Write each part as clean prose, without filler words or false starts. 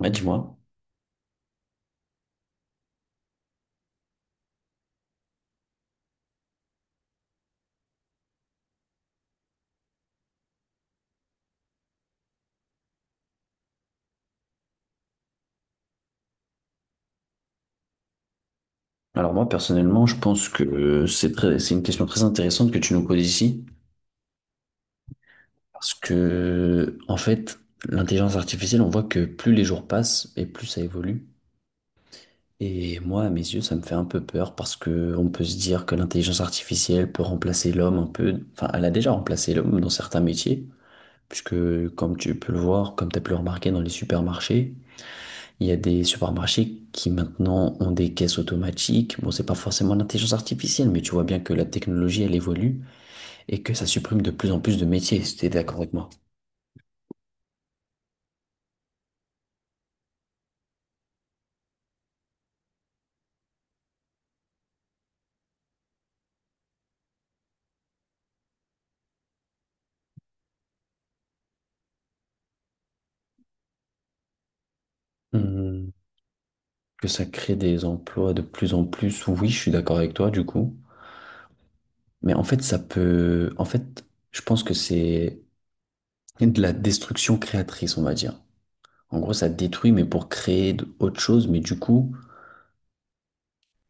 Ouais, dis-moi. Alors moi, personnellement, je pense que c'est très, c'est une question très intéressante que tu nous poses ici, parce que, en fait, l'intelligence artificielle, on voit que plus les jours passent et plus ça évolue. Et moi, à mes yeux, ça me fait un peu peur parce que on peut se dire que l'intelligence artificielle peut remplacer l'homme un peu. Enfin, elle a déjà remplacé l'homme dans certains métiers, puisque, comme tu peux le voir, comme tu as pu le remarquer dans les supermarchés, il y a des supermarchés qui maintenant ont des caisses automatiques. Bon, c'est pas forcément l'intelligence artificielle, mais tu vois bien que la technologie, elle évolue et que ça supprime de plus en plus de métiers, si t'es d'accord avec moi. Hmm, que ça crée des emplois de plus en plus, oui, je suis d'accord avec toi, du coup. Mais en fait, ça peut... En fait, je pense que c'est de la destruction créatrice, on va dire. En gros, ça détruit, mais pour créer autre chose. Mais du coup,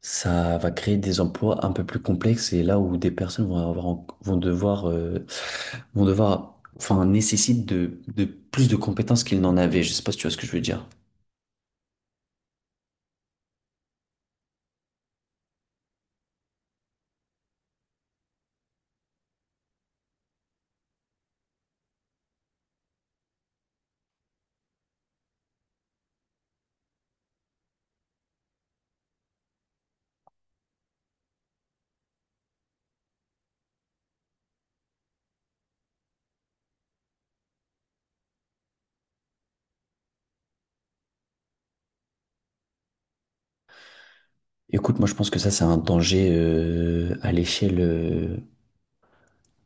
ça va créer des emplois un peu plus complexes et là où des personnes vont avoir, en- vont devoir, enfin, nécessitent de plus de compétences qu'ils n'en avaient. Je sais pas si tu vois ce que je veux dire. Écoute, moi je pense que ça c'est un danger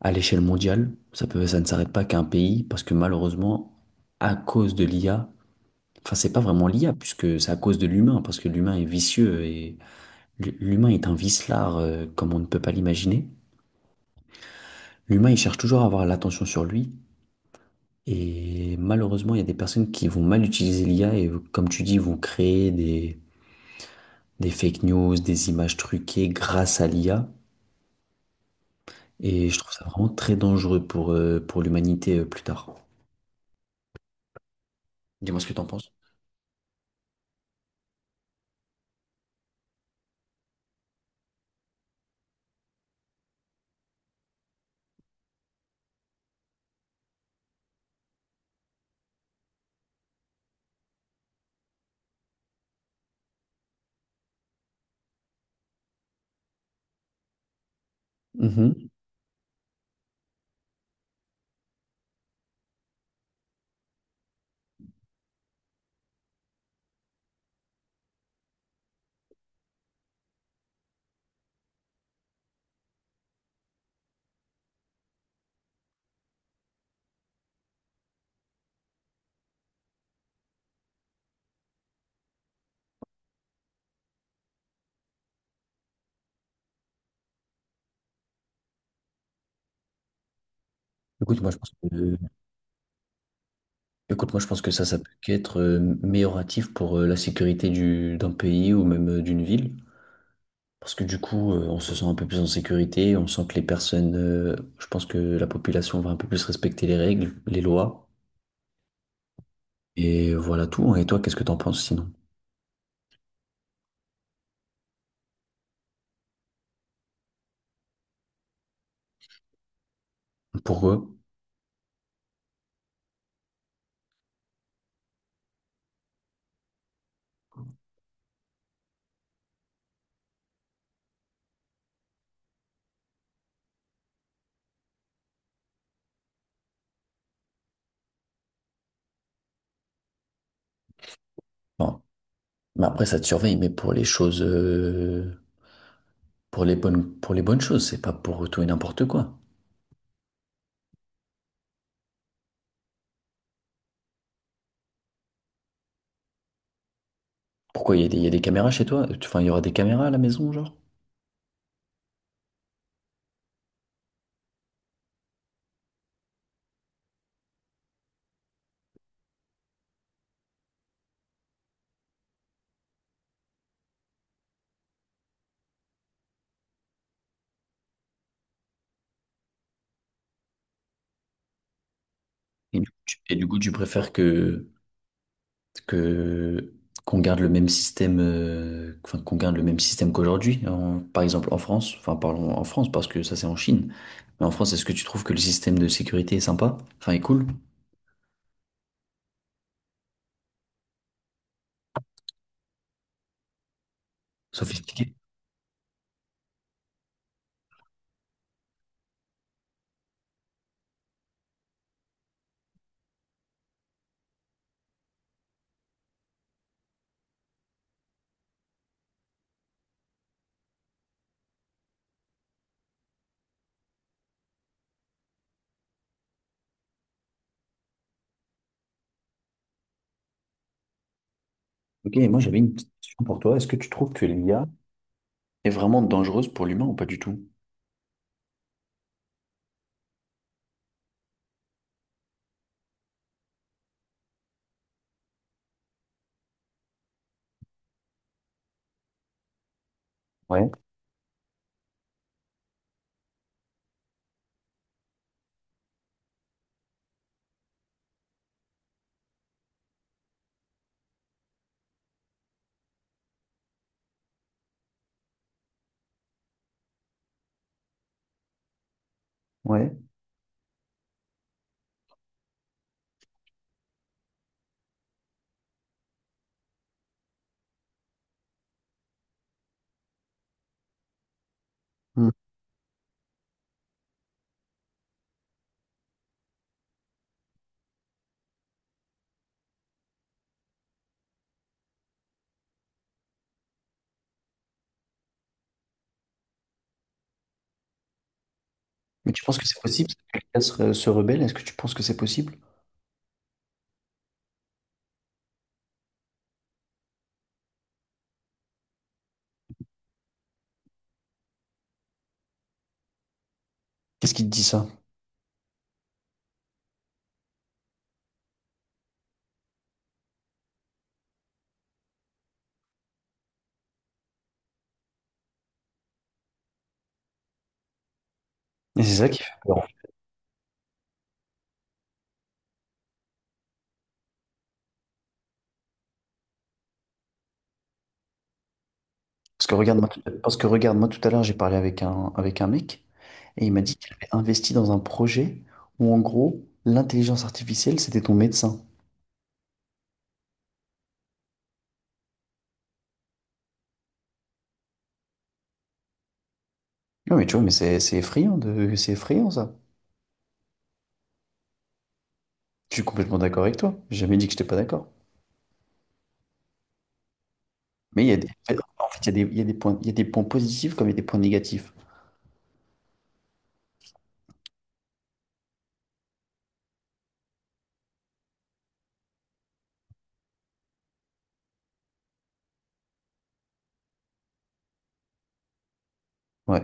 à l'échelle mondiale. Ça ne s'arrête pas qu'à un pays parce que malheureusement, à cause de l'IA, enfin c'est pas vraiment l'IA puisque c'est à cause de l'humain parce que l'humain est vicieux et l'humain est un vicelard comme on ne peut pas l'imaginer. L'humain il cherche toujours à avoir l'attention sur lui. Et malheureusement, il y a des personnes qui vont mal utiliser l'IA et, comme tu dis, vont créer des fake news, des images truquées grâce à l'IA. Et je trouve ça vraiment très dangereux pour l'humanité plus tard. Dis-moi ce que tu en penses. Mhm. Écoute, moi, je pense que, écoute, moi, je pense que ça peut qu'être amélioratif pour la sécurité d'un pays ou même d'une ville. Parce que du coup, on se sent un peu plus en sécurité, on sent que les personnes, je pense que la population va un peu plus respecter les règles, les lois. Et voilà tout. Et toi, qu'est-ce que t'en penses sinon? Pour eux? Bon. Mais après, ça te surveille, mais pour les choses, pour les bonnes choses, c'est pas pour tout et n'importe quoi. Pourquoi il y a des, il y a des caméras chez toi? Enfin, il y aura des caméras à la maison, genre? Et du coup, tu préfères que, qu'on garde le même système, enfin, qu'on garde le même système qu'aujourd'hui, par exemple en France, enfin, parlons en France parce que ça, c'est en Chine. Mais en France, est-ce que tu trouves que le système de sécurité est sympa? Enfin, est cool? Sophistiqué? Ok, moi j'avais une petite question pour toi. Est-ce que tu trouves que l'IA est vraiment dangereuse pour l'humain ou pas du tout? Ouais, ouais. Hmm. Mais tu penses que c'est possible que se rebelle? Est-ce que tu penses que c'est possible? Qu'est-ce qui te dit ça? Et c'est ça qui fait peur. Parce que regarde-moi tout à l'heure, j'ai parlé avec avec un mec et il m'a dit qu'il avait investi dans un projet où en gros, l'intelligence artificielle, c'était ton médecin. Non mais tu vois, mais c'est effrayant c'est effrayant ça. Je suis complètement d'accord avec toi. J'ai jamais dit que j'étais pas d'accord. Mais il y a des, en fait, il y a des, il y a des points, il y a des points positifs comme il y a des points négatifs. Ouais.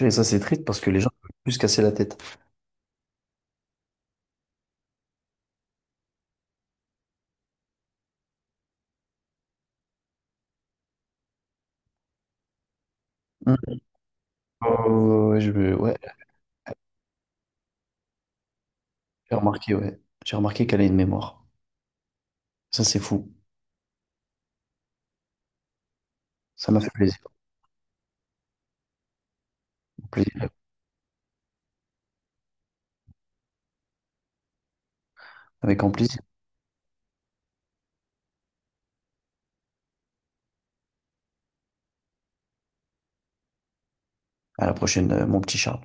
Et ça, c'est triste parce que les gens peuvent plus se casser la tête. Hmm. Oh, ouais, je- me- ouais, ouais. J'ai remarqué qu'elle a une mémoire. Ça, c'est fou. Ça m'a fait plaisir. Plaisir. Avec grand plaisir. À la prochaine, mon petit Charles.